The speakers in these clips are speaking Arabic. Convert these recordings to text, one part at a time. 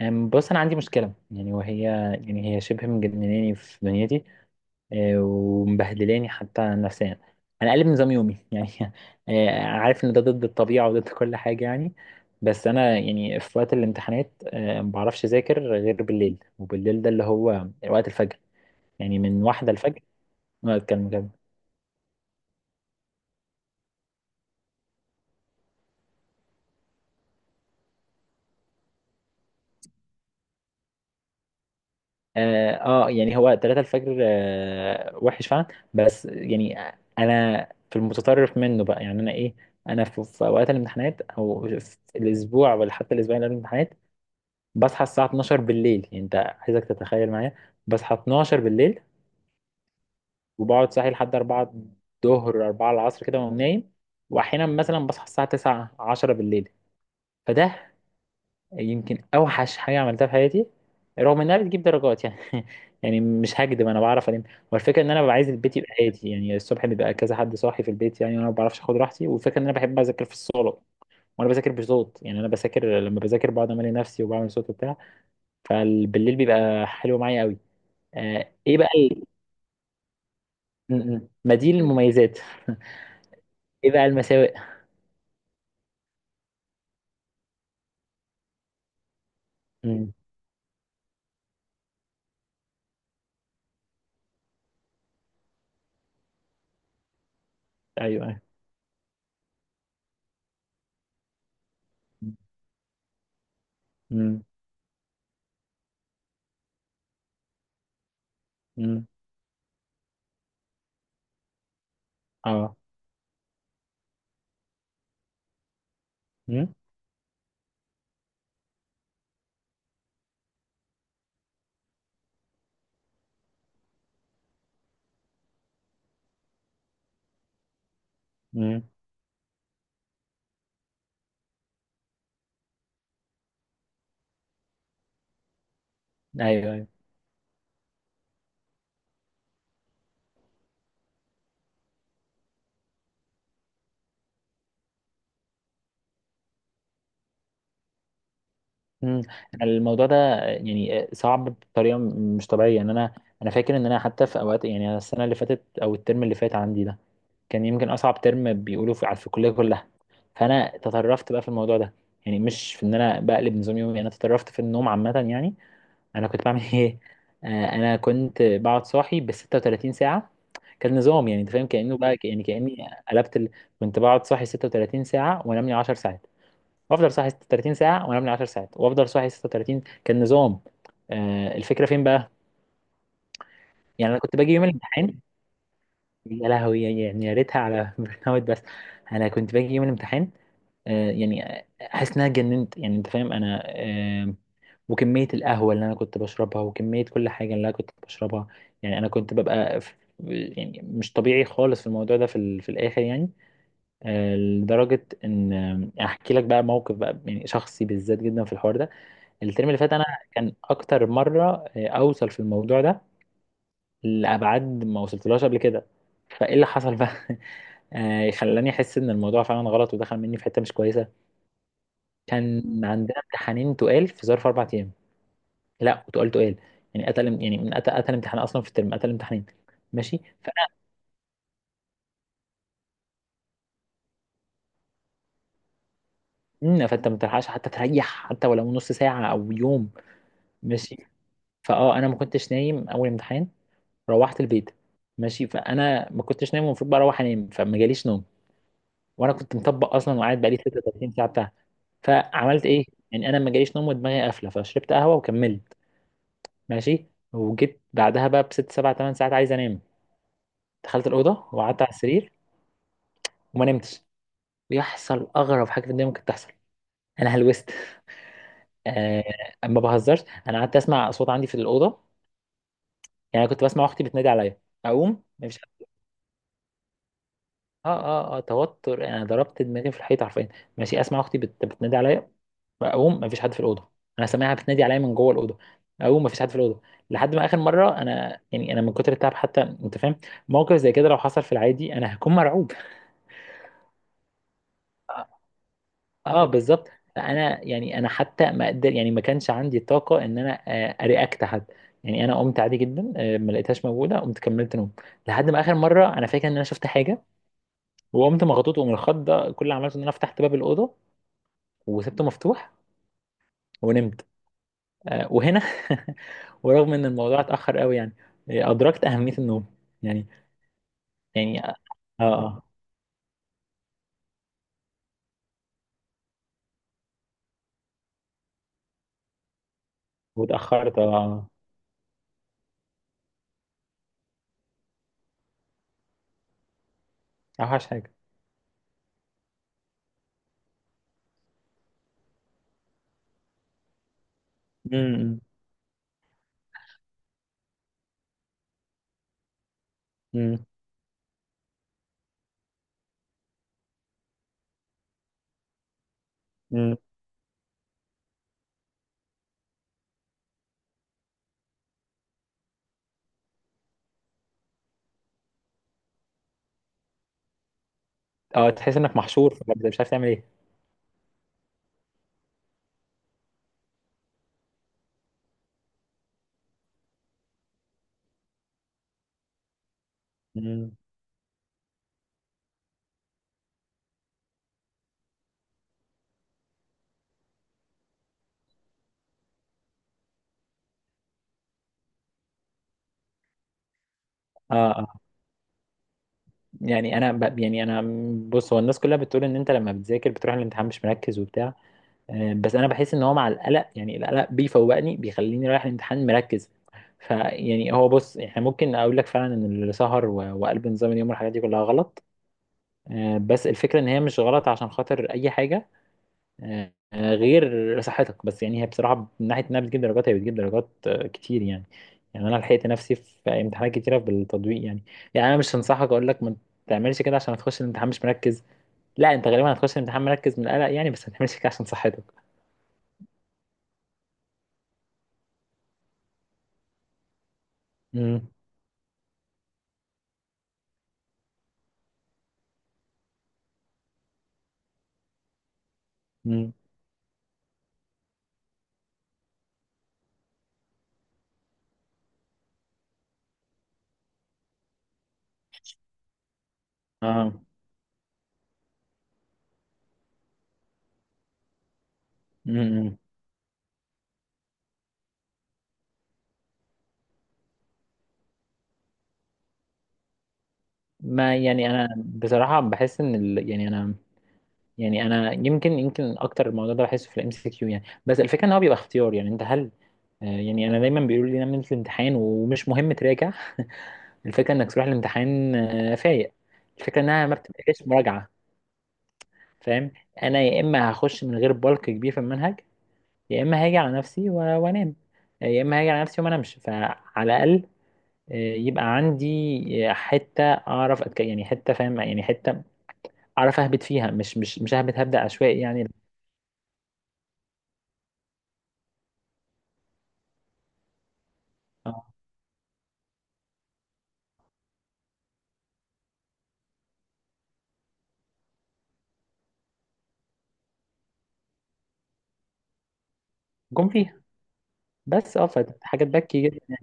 بص انا عندي مشكله يعني، وهي يعني هي شبه مجنناني في دنيتي. ومبهدلاني حتى نفسيا. انا قلب نظام يومي يعني. عارف ان ده ضد الطبيعه وضد كل حاجه يعني. بس انا يعني في وقت الامتحانات ما بعرفش اذاكر غير بالليل، وبالليل ده اللي هو وقت الفجر. يعني من واحدة الفجر ما اتكلم. يعني هو 3 الفجر، وحش فعلا. بس يعني انا في المتطرف منه بقى، يعني انا ايه؟ انا في اوقات الامتحانات او في الاسبوع ولا حتى الاسبوعين اللي قبل الامتحانات بصحى الساعه 12 بالليل. يعني انت عايزك تتخيل معايا، بصحى 12 بالليل وبقعد صاحي لحد 4 الظهر، 4 العصر كده، واقوم نايم. واحيانا مثلا بصحى الساعه 9، 10 بالليل. فده يمكن اوحش حاجه عملتها في حياتي، رغم انها بتجيب درجات يعني يعني مش هكدب، انا بعرف الم. والفكره ان انا ببقى عايز البيت يبقى هادي. يعني الصبح بيبقى كذا حد صاحي في البيت يعني، وانا ما بعرفش اخد راحتي. والفكره ان انا بحب اذاكر في الصاله، وانا بذاكر بصوت. يعني انا بذاكر، لما بذاكر بقعد امالي نفسي وبعمل صوت وبتاع. فبالليل بيبقى حلو معايا قوي. ايه بقى ال- م- م. ما دي المميزات ايه بقى المساوئ؟ م. ايوه، ايوه. م. م. م. اه. م. م. ايوه، أيوه. مم. أنا الموضوع ده يعني صعب بطريقه مش طبيعيه يعني. انا انا فاكر ان انا حتى في اوقات، يعني أنا السنه اللي فاتت او الترم اللي فات عندي ده كان يمكن اصعب ترم بيقولوا في الكليه كلها. فانا تطرفت بقى في الموضوع ده. يعني مش في ان انا بقلب نظام يومي، انا تطرفت في النوم عامه يعني. انا كنت بعمل ايه؟ آه، انا كنت بقعد صاحي ب 36 ساعه. كان نظام، يعني انت فاهم كانه بقى يعني كاني قلبت كنت بقعد صاحي 36 ساعه، وانام لي 10 ساعات، وافضل صاحي 36 ساعه، وانا ابني 10 ساعات، وافضل صاحي 36. كان نظام. الفكره فين بقى؟ يعني انا كنت باجي يوم الامتحان. يا لهوي، يعني يا ريتها على برن اوت بس. انا كنت باجي يوم الامتحان يعني احس ان انا اتجننت. يعني انت فاهم انا آه وكميه القهوه اللي انا كنت بشربها، وكميه كل حاجه اللي انا كنت بشربها. يعني انا كنت ببقى في، يعني مش طبيعي خالص في الموضوع ده في الاخر يعني. لدرجه ان، احكي لك بقى موقف، بقى يعني شخصي بالذات جدا في الحوار ده. الترم اللي فات انا كان اكتر مره اوصل في الموضوع ده لابعاد ما وصلتلهاش قبل كده. فايه اللي حصل بقى خلاني احس ان الموضوع فعلا غلط، ودخل مني في حته مش كويسه. كان عندنا امتحانين تقال في ظرف 4 ايام. لا، وتقال تقال. يعني قتل، يعني من قتل قتل امتحان اصلا في الترم، قتل امتحانين. ماشي. فانا فانت ما بتلحقش حتى تريح، حتى ولو نص ساعه او يوم. ماشي. انا ما كنتش نايم اول امتحان. روحت البيت. ماشي، فانا ما كنتش نايم، المفروض بقى اروح انام، فما جاليش نوم. وانا كنت مطبق اصلا وقاعد بقالي 36 ساعه بتاعها. فعملت ايه؟ يعني انا ما جاليش نوم ودماغي قافله، فشربت قهوه وكملت. ماشي. وجيت بعدها بقى بست سبع ثمان ساعات عايز انام. دخلت الاوضه وقعدت على السرير، وما نمتش. ويحصل اغرب حاجه في الدنيا ممكن تحصل: انا هلوست. آه ما بهزرش. انا قعدت اسمع اصوات عندي في الاوضه. يعني أنا كنت بسمع اختي بتنادي عليا، اقوم مفيش. اه، اه، اه، توتر. يعني انا ضربت دماغي في الحيط حرفيا. ماشي، اسمع اختي بتنادي عليا، اقوم مفيش حد في الاوضه. انا سامعها بتنادي عليا من جوه الاوضه، اقوم مفيش حد في الاوضه. لحد ما اخر مره انا، يعني انا من كتر التعب حتى انت فاهم، موقف زي كده لو حصل في العادي انا هكون مرعوب. اه، بالظبط. انا، يعني انا حتى ما اقدر، يعني ما كانش عندي طاقه ان انا ارياكت حد. يعني انا قمت عادي جدا، ما لقيتهاش موجوده، قمت كملت نوم. لحد ما اخر مره، انا فاكر ان انا شفت حاجه، وقمت مغطوط، ومن الخض ده كل اللي عملته ان انا فتحت باب الاوضه وسبته مفتوح، ونمت. وهنا ورغم ان الموضوع اتاخر قوي يعني، ادركت اهميه النوم. يعني، يعني اه. اه. واتاخرت، اه. اوحش حاجه. امم. امم. امم. اه، تحس انك محشور في مبدأ، مش عارف تعمل ايه. امم. اه، اه. يعني انا يعني انا، بص، هو الناس كلها بتقول ان انت لما بتذاكر بتروح الامتحان مش مركز وبتاع. بس انا بحس ان هو مع القلق، يعني القلق بيفوقني، بيخليني رايح الامتحان مركز. فيعني هو، بص، احنا ممكن اقول لك فعلا ان السهر وقلب نظام اليوم والحاجات دي كلها غلط. بس الفكره ان هي مش غلط عشان خاطر اي حاجه غير صحتك. بس يعني هي بصراحه من ناحيه انها بتجيب درجات، هي بتجيب درجات كتير يعني. يعني انا لحقت نفسي في امتحانات كتيره بالتطبيق يعني. يعني انا مش هنصحك اقول لك ما تعملش كده عشان هتخش الامتحان مش مركز، لا، انت غالبا هتخش الامتحان مركز من القلق يعني، بس ما تعملش كده عشان صحتك. امم. امم. اه. امم. ما، يعني انا بصراحه بحس ان يعني انا، يعني انا يمكن اكتر الموضوع ده بحسه في MCQ يعني. بس الفكره ان هو بيبقى اختيار. يعني انت هل، يعني انا دايما بيقولوا لي نعمل الامتحان ومش مهم تراجع. الفكره انك تروح الامتحان فايق. الفكره انها ما بتبقاش مراجعه. فاهم. انا يا اما هخش من غير بلك كبير في المنهج، يا اما هاجي على نفسي وانام، يا اما هاجي على نفسي وما انامش، فعلى الاقل يبقى عندي حتة أعرف يعني حتة، فاهم، يعني حتة أعرف أهبط فيها، مش أهبط هبدأ عشوائي يعني. آه، جم فيها، بس اه، فحاجة تبكي جدا.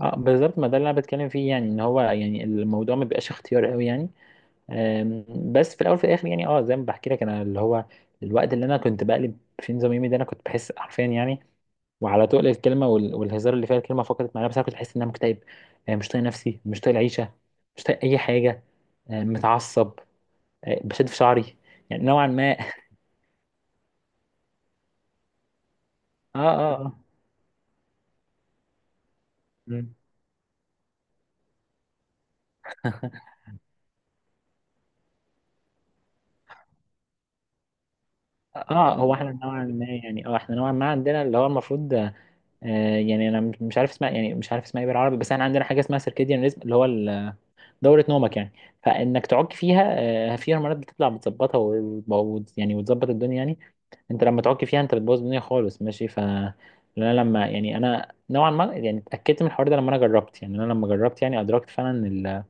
اه، بالظبط. ما ده اللي أنا بتكلم فيه، يعني إن هو يعني الموضوع ما بيبقاش اختيار قوي يعني. آم، بس في الأول في الآخر يعني، اه زي ما بحكي لك أنا، اللي هو الوقت اللي أنا كنت بقلب في نظام يومي ده، أنا كنت بحس حرفيا، يعني وعلى تقل الكلمه والهزار اللي فيها الكلمه فقدت معناها، بس انا كنت بحس ان انا مكتئب، مش طايق نفسي، مش طايق العيشه، مش طايق اي حاجه، متعصب، بشد في شعري. يعني نوعا ما اه. اه. اه. مم. اه، هو احنا نوعا ما يعني، اه احنا نوعا ما عندنا اللي هو المفروض، يعني انا مش عارف اسمها، يعني مش عارف اسمها ايه بالعربي، بس احنا عندنا حاجه اسمها سيركيديان ريزم، اللي هو دوره نومك يعني، فانك تعك فيها. في هرمونات بتطلع بتظبطها يعني وتظبط الدنيا يعني. انت لما تعك فيها انت بتبوظ الدنيا خالص. ماشي. ف، انا لما، يعني انا نوعا ما يعني اتاكدت من الحوار ده لما انا جربت، يعني انا لما جربت يعني ادركت فعلا.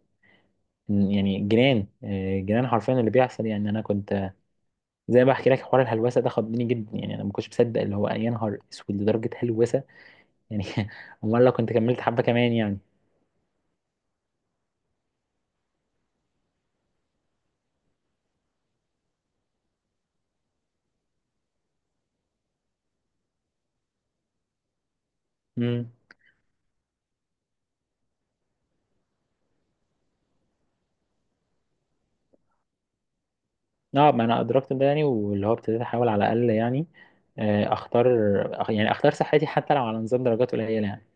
يعني جيران، جيران حرفيا اللي بيحصل. يعني انا كنت، زي ما بحكي لك، حوار الهلوسه ده خضني جدا. يعني انا ما كنتش مصدق، اللي هو يا نهار اسود لدرجه هلوسه يعني امال لو كنت كملت حبه كمان يعني. امم. اه، ما انا ادركت ده يعني، واللي هو ابتديت احاول على الاقل يعني اختار، يعني اختار صحتي حتى لو على نظام درجات قليله يعني.